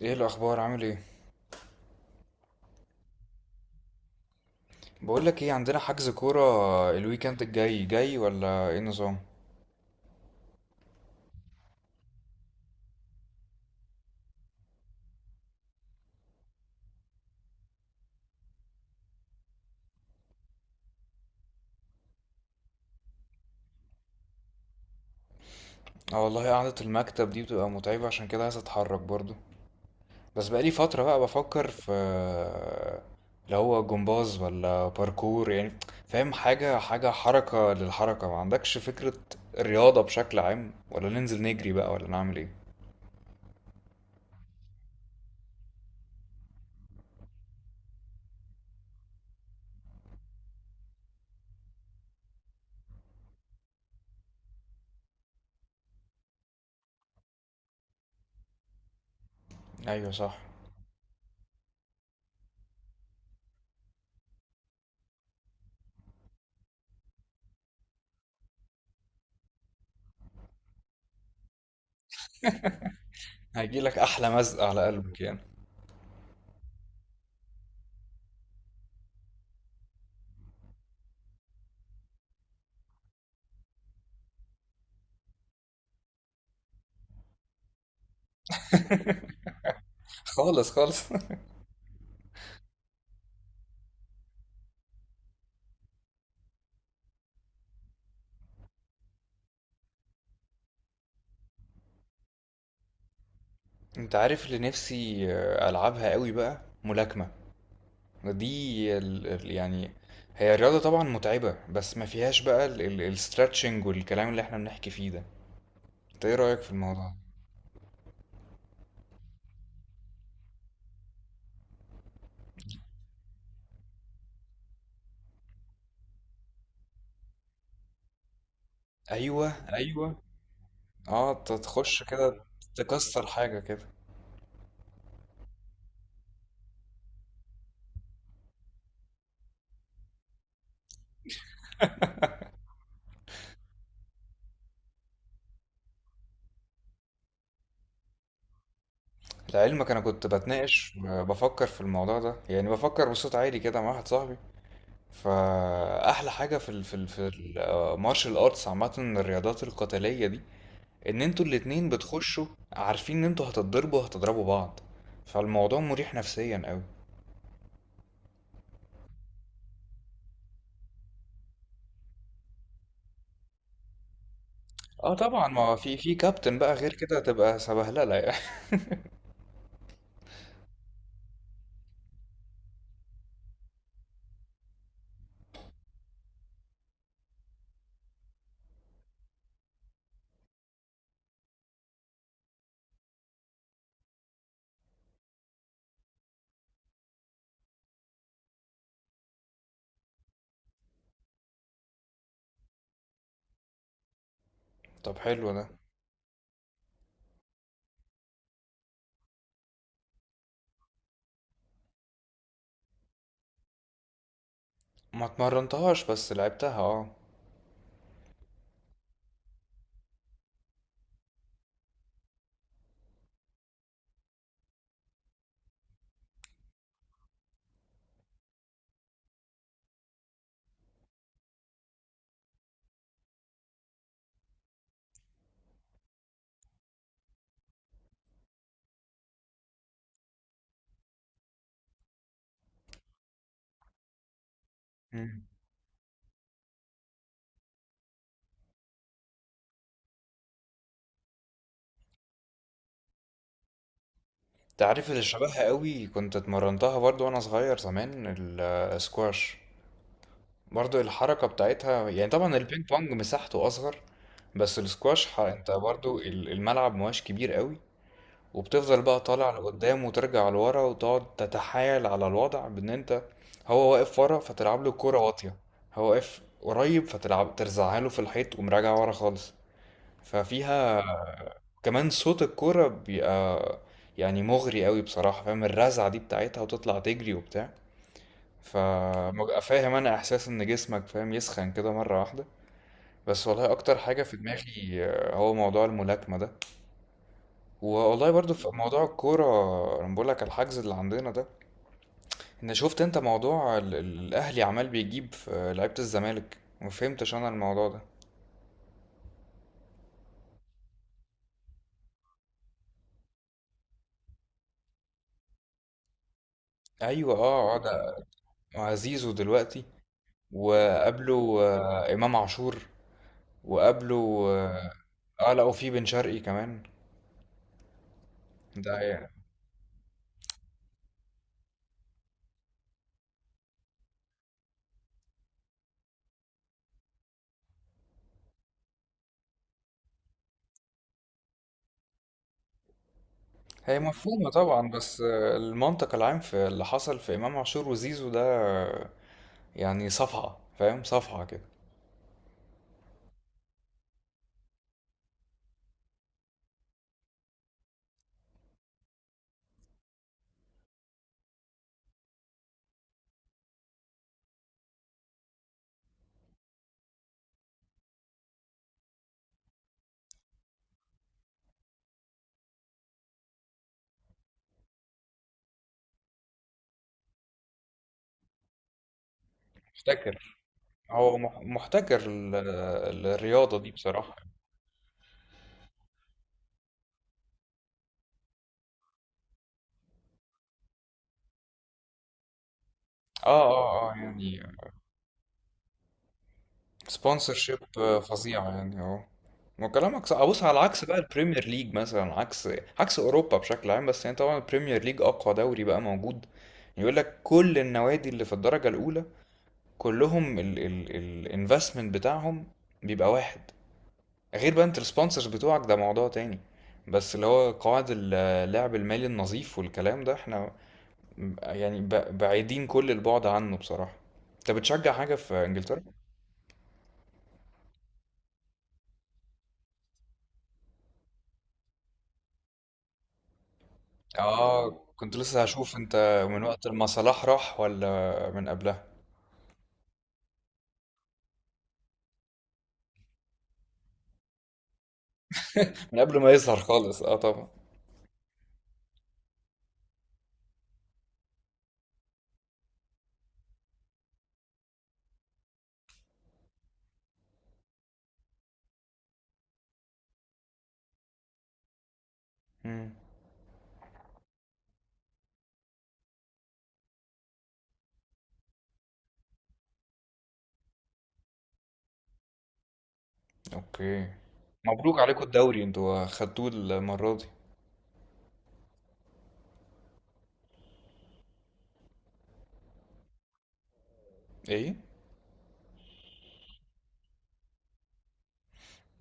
ايه الاخبار؟ عامل ايه؟ بقول لك ايه، عندنا حجز كوره الويكند الجاي، جاي ولا ايه النظام؟ اه والله قعده المكتب دي بتبقى متعبه، عشان كده عايز اتحرك برضو. بس بقالي فتره بقى بفكر في اللي هو جمباز ولا باركور يعني، فاهم؟ حاجه حركه للحركه، ما عندكش فكره؟ الرياضه بشكل عام، ولا ننزل نجري بقى، ولا نعمل ايه؟ ايوه صح. هيجيلك احلى مزق على قلبك يعني. خالص خالص. انت عارف اللي نفسي العبها قوي بقى؟ ملاكمه. دي يعني هي الرياضة طبعا متعبة، بس ما فيهاش بقى الاسترتشنج والكلام اللي احنا بنحكي فيه ده. انت ايه رأيك في الموضوع ده؟ ايوه، ايوه. اه، تخش كده، تكسر حاجة كده. لعلمك انا كنت بتناقش، بفكر في الموضوع ده، يعني بفكر بصوت عالي كده مع واحد صاحبي. فاحلى حاجة في ال في ال في المارشال ارتس عامة، الرياضات القتالية دي، ان انتوا الاتنين بتخشوا عارفين ان انتوا هتتضربوا، هتضربوا بعض. فالموضوع مريح نفسيا قوي. اه طبعا، ما في كابتن بقى غير كده تبقى سبهلله يعني. طب حلو ده. ما اتمرنتهاش، بس لعبتها، اه. مم. انت عارف اللي شبهها قوي كنت اتمرنتها برضو وانا صغير زمان؟ السكواش. برضو الحركه بتاعتها، يعني طبعا البينج بونج مساحته اصغر، بس السكواش، انت برضو الملعب مواش كبير قوي. وبتفضل بقى طالع لقدام وترجع لورا، وتقعد تتحايل على الوضع بان انت، هو واقف ورا فتلعب له الكوره واطيه، هو واقف قريب فتلعب ترزعها له في الحيط ومراجع ورا خالص. ففيها كمان صوت الكوره بيبقى يعني مغري قوي بصراحه، فاهم؟ الرزعه دي بتاعتها، وتطلع تجري وبتاع. فببقى فاهم انا، احساس ان جسمك فاهم يسخن كده مره واحده. بس والله اكتر حاجه في دماغي هو موضوع الملاكمه ده. والله برضو في موضوع الكوره. انا بقول لك الحجز اللي عندنا ده. انا شفت انت، موضوع الاهلي عمال بيجيب في لعيبة الزمالك، ما فهمتش انا الموضوع ده. ايوه، اه اه، ده زيزو دلوقتي، وقبله امام عاشور، وقبله اه، لا وفي بن شرقي كمان. ده هي، هي مفهومة طبعا، بس المنطق العام في اللي حصل في امام عاشور وزيزو ده يعني صفعة، فاهم؟ صفعة كده. محتكر، هو محتكر الرياضة دي بصراحة. اه اه اه، يعني سبونسر شيب فظيعة يعني، اه. وكلامك صح. بص، على عكس بقى البريمير ليج مثلا، عكس عكس اوروبا بشكل عام، بس يعني طبعا البريمير ليج اقوى دوري بقى موجود. يقول لك كل النوادي اللي في الدرجة الاولى، كلهم الانفستمنت بتاعهم بيبقى واحد. غير بقى انت السبونسرز بتوعك ده موضوع تاني. بس اللي هو قواعد اللعب المالي النظيف والكلام ده، احنا يعني بعيدين كل البعد عنه بصراحة. انت بتشجع حاجة في انجلترا؟ اه، كنت لسه هشوف انت من وقت ما صلاح راح ولا من قبلها. من قبل ما يظهر خالص، اه طبعا. مم. اوكي. مبروك عليكم الدوري، انتوا خدتوه المرة دي. ايه؟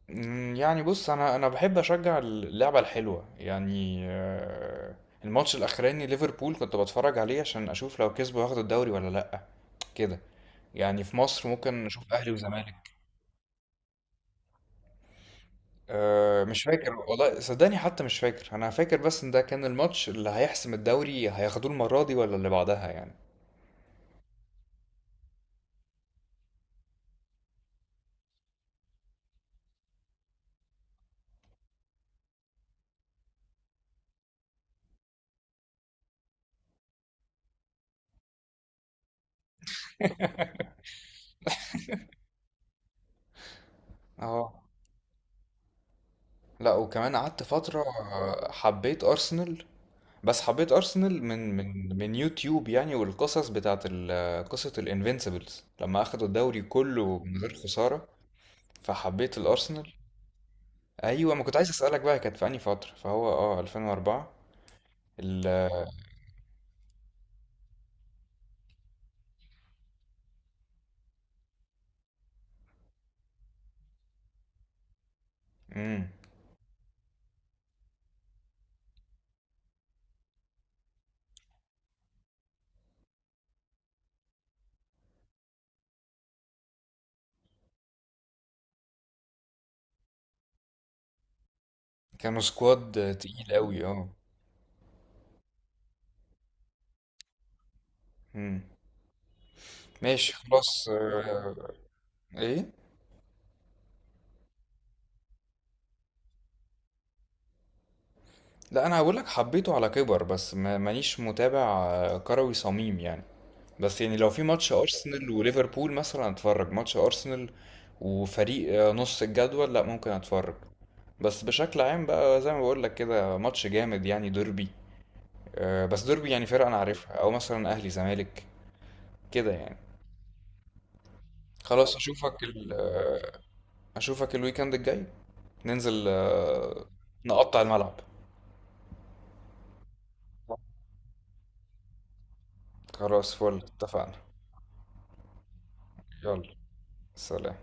مم، يعني بص، انا بحب اشجع اللعبة الحلوة يعني. الماتش الاخراني ليفربول كنت بتفرج عليه عشان اشوف لو كسبوا ياخدوا الدوري ولا لا، كده يعني. في مصر ممكن نشوف اهلي وزمالك. أه مش فاكر والله، صدقني حتى مش فاكر. انا فاكر بس ان ده كان الماتش اللي هيحسم الدوري، هياخدوه المرة دي ولا اللي بعدها يعني. اه. لا وكمان قعدت فترة حبيت ارسنال. بس حبيت ارسنال من من يوتيوب يعني، والقصص بتاعت قصة الانفينسيبلز لما اخدوا الدوري كله من غير خسارة، فحبيت الارسنال. ايوه، ما كنت عايز اسالك بقى كانت في انهي فترة، فهو اه 2004. ال، امم، كانوا سكواد تقيل قوي، اه. امم، ماشي خلاص. ايه؟ لا انا هقول لك حبيته على كبر، بس مانيش متابع كروي صميم يعني. بس يعني لو في ماتش ارسنال وليفربول مثلا اتفرج ماتش ارسنال، وفريق نص الجدول لا ممكن اتفرج. بس بشكل عام بقى، زي ما بقول لك كده، ماتش جامد يعني، ديربي. بس ديربي يعني فرقة انا عارفها، او مثلا اهلي زمالك كده يعني. خلاص اشوفك ال آه، اشوفك الويكند الجاي. ننزل نقطع الملعب. خلاص فل، اتفقنا. يلا سلام.